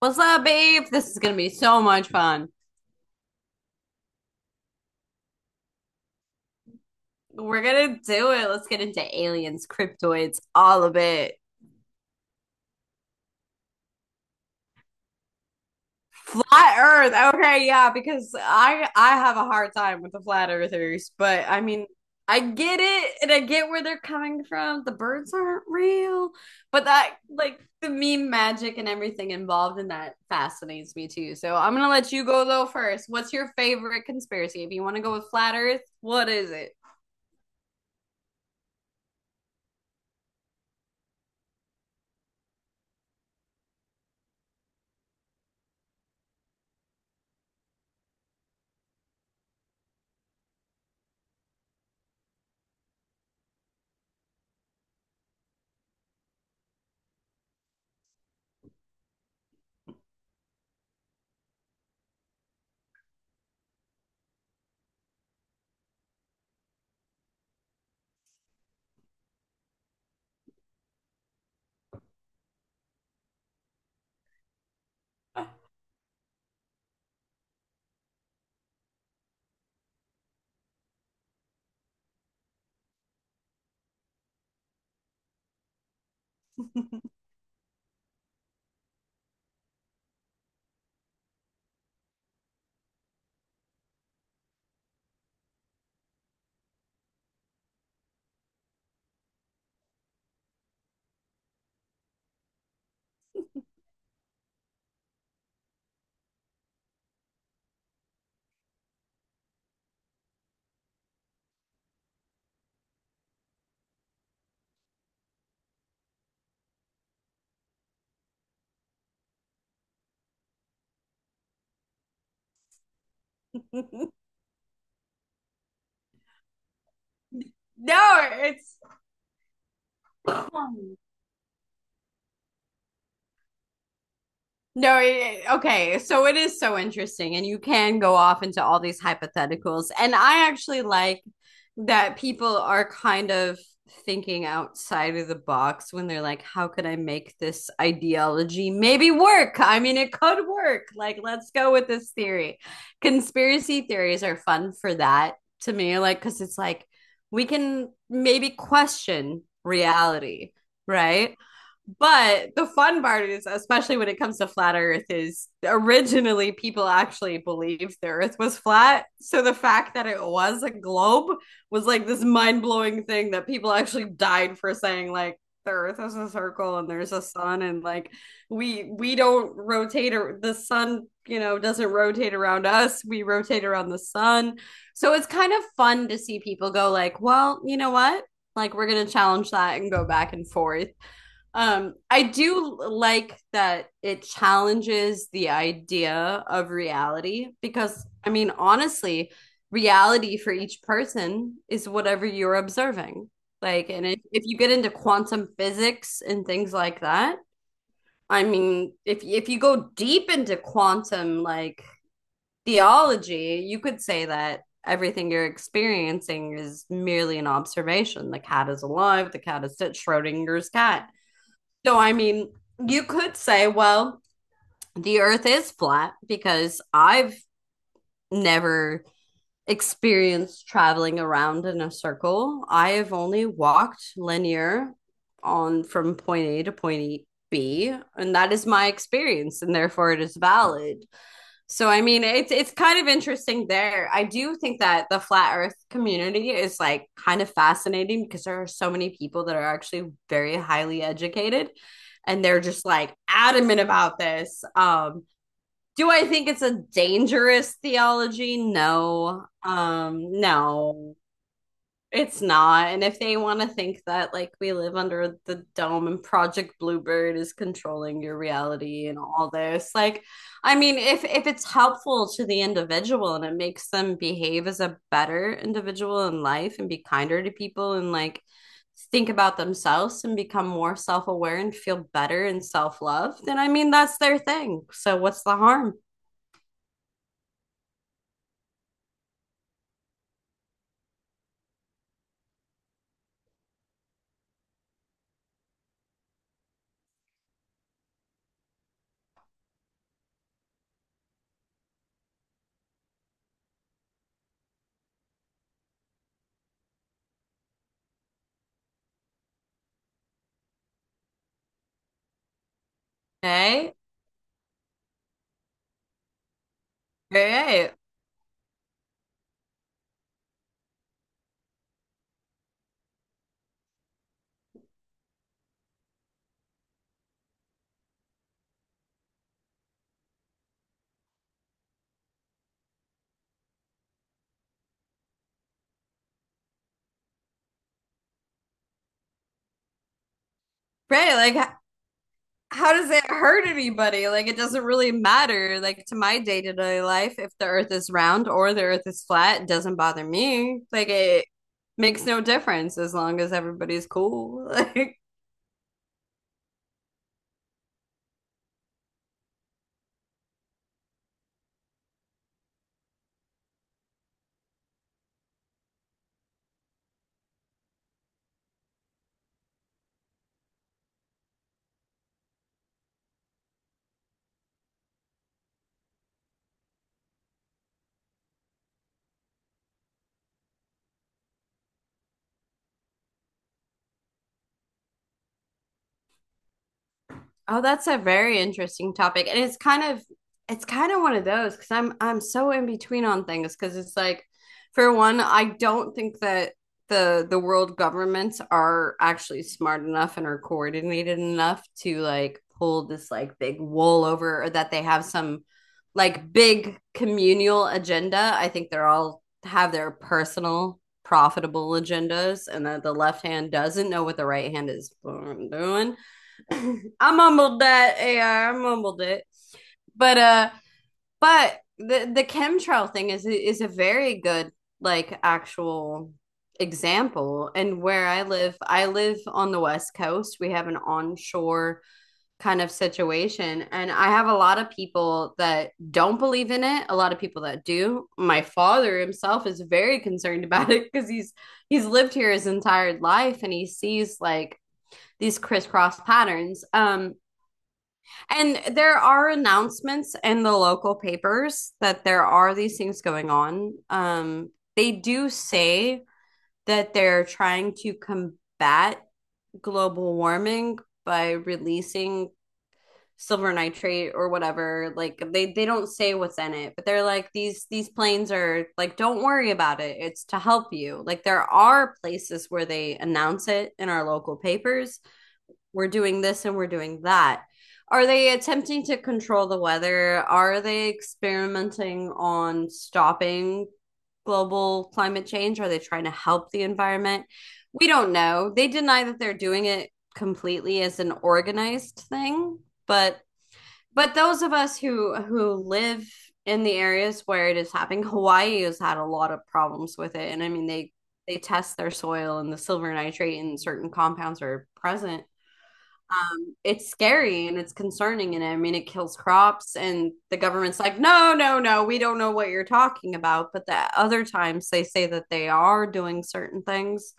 What's up, babe? This is gonna be so much fun. We're gonna do it. Let's get into aliens, cryptoids, all of it. Flat Earth. Okay, yeah, because I have a hard time with the flat earthers, but I mean, I get it and I get where they're coming from. The birds aren't real, but that like the meme magic and everything involved in that fascinates me too. So I'm gonna let you go though first. What's your favorite conspiracy? If you want to go with flat Earth, what is it? no, it's No, it, Okay. So it is so interesting, and you can go off into all these hypotheticals. And I actually like that people are kind of thinking outside of the box when they're like, how could I make this ideology maybe work? I mean, it could work. Like, let's go with this theory. Conspiracy theories are fun for that to me, like, because it's like we can maybe question reality, right? But the fun part is, especially when it comes to flat Earth, is originally people actually believed the Earth was flat. So the fact that it was a globe was like this mind blowing thing that people actually died for saying, like, the Earth is a circle and there's a sun, and like we don't rotate or the sun, you know, doesn't rotate around us. We rotate around the sun. So it's kind of fun to see people go like, well, you know what? Like we're gonna challenge that and go back and forth. I do like that it challenges the idea of reality because, I mean, honestly, reality for each person is whatever you're observing. Like, and if you get into quantum physics and things like that, I mean, if you go deep into quantum like theology, you could say that everything you're experiencing is merely an observation. The cat is alive. The cat is dead. Schrodinger's cat. No, I mean, you could say, well, the earth is flat because I've never experienced traveling around in a circle. I have only walked linear on from point A to point B, and that is my experience, and therefore it is valid. So I mean, it's kind of interesting there. I do think that the flat earth community is like kind of fascinating because there are so many people that are actually very highly educated and they're just like adamant about this. Do I think it's a dangerous theology? No. No. It's not. And if they want to think that, like, we live under the dome and Project Bluebird is controlling your reality and all this, like, I mean, if it's helpful to the individual and it makes them behave as a better individual in life and be kinder to people and like think about themselves and become more self-aware and feel better and self-love, then I mean, that's their thing. So what's the harm? Hey, Hey. Right, like how does it hurt anybody? Like, it doesn't really matter. Like, to my day to day life, if the earth is round or the earth is flat, it doesn't bother me. Like, it makes no difference as long as everybody's cool. Like, oh, that's a very interesting topic. And it's kind of one of those because I'm so in between on things because it's like for one, I don't think that the world governments are actually smart enough and are coordinated enough to like pull this like big wool over or that they have some like big communal agenda. I think they're all have their personal profitable agendas and that the left hand doesn't know what the right hand is doing. I mumbled that. Yeah, I mumbled it. But uh, but the chemtrail thing is a very good like actual example. And where I live on the west coast. We have an onshore kind of situation, and I have a lot of people that don't believe in it. A lot of people that do. My father himself is very concerned about it because he's lived here his entire life, and he sees like these crisscross patterns. And there are announcements in the local papers that there are these things going on. They do say that they're trying to combat global warming by releasing silver nitrate or whatever. Like they don't say what's in it, but they're like these planes are like don't worry about it. It's to help you. Like there are places where they announce it in our local papers, we're doing this and we're doing that. Are they attempting to control the weather? Are they experimenting on stopping global climate change? Are they trying to help the environment? We don't know. They deny that they're doing it completely as an organized thing, but those of us who live in the areas where it is happening, Hawaii has had a lot of problems with it. And I mean they test their soil and the silver nitrate and certain compounds are present. It's scary and it's concerning and I mean it kills crops and the government's like no no no we don't know what you're talking about but the other times they say that they are doing certain things.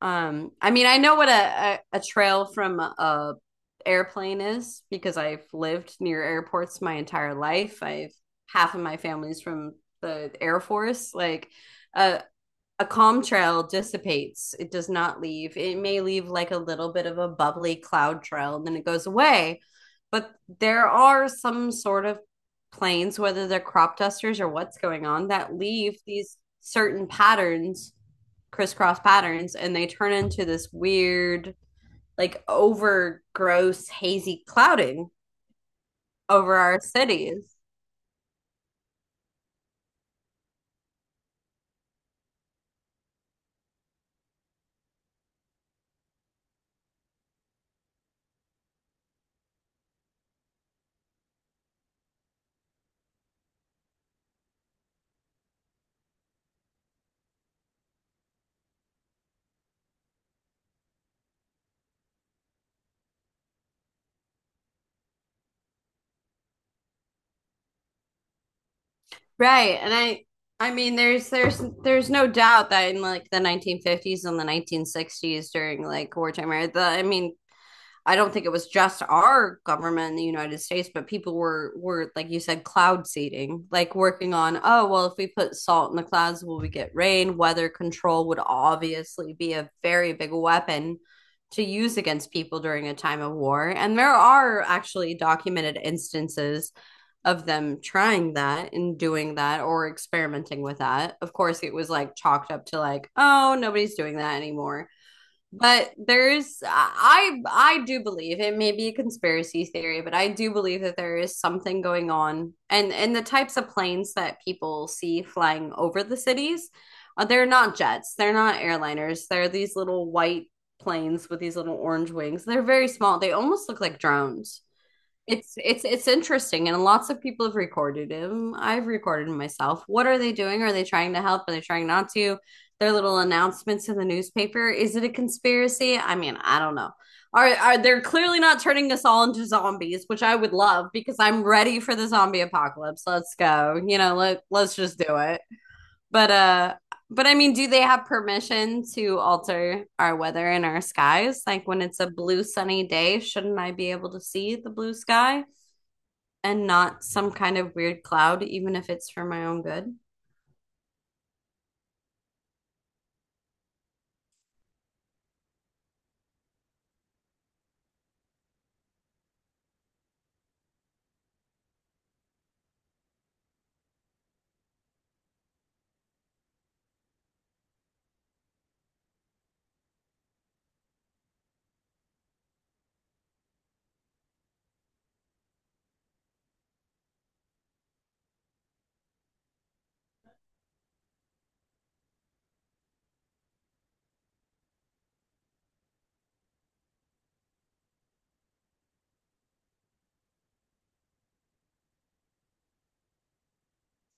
I mean I know what a trail from airplane is because I've lived near airports my entire life. I've half of my family's from the Air Force like a, a calm trail dissipates. It does not leave. It may leave like a little bit of a bubbly cloud trail and then it goes away. But there are some sort of planes, whether they're crop dusters or what's going on, that leave these certain patterns, crisscross patterns, and they turn into this weird, like over gross, hazy clouding over our cities. Right. And I mean there's no doubt that in like the 1950s and the 1960s during like wartime era, the I mean I don't think it was just our government in the United States, but people were like you said cloud seeding, like working on, oh well if we put salt in the clouds will we get rain? Weather control would obviously be a very big weapon to use against people during a time of war. And there are actually documented instances of them trying that and doing that or experimenting with that. Of course, it was like chalked up to like, oh, nobody's doing that anymore. But there's I do believe it may be a conspiracy theory, but I do believe that there is something going on. And the types of planes that people see flying over the cities, they're not jets, they're not airliners. They're these little white planes with these little orange wings. They're very small. They almost look like drones. It's interesting, and lots of people have recorded him. I've recorded him myself. What are they doing? Are they trying to help? Are they trying not to? Their little announcements in the newspaper. Is it a conspiracy? I mean, I don't know. Are They're clearly not turning us all into zombies, which I would love because I'm ready for the zombie apocalypse. Let's go. You know, let's just do it. But uh but I mean, do they have permission to alter our weather and our skies? Like when it's a blue sunny day, shouldn't I be able to see the blue sky, and not some kind of weird cloud, even if it's for my own good.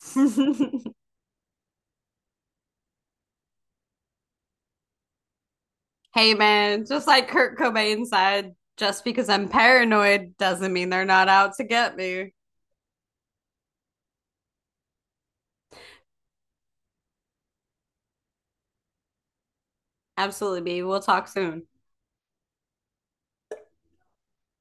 Hey, man, just like Kurt Cobain said, just because I'm paranoid doesn't mean they're not out to get me. Absolutely, B. We'll talk soon.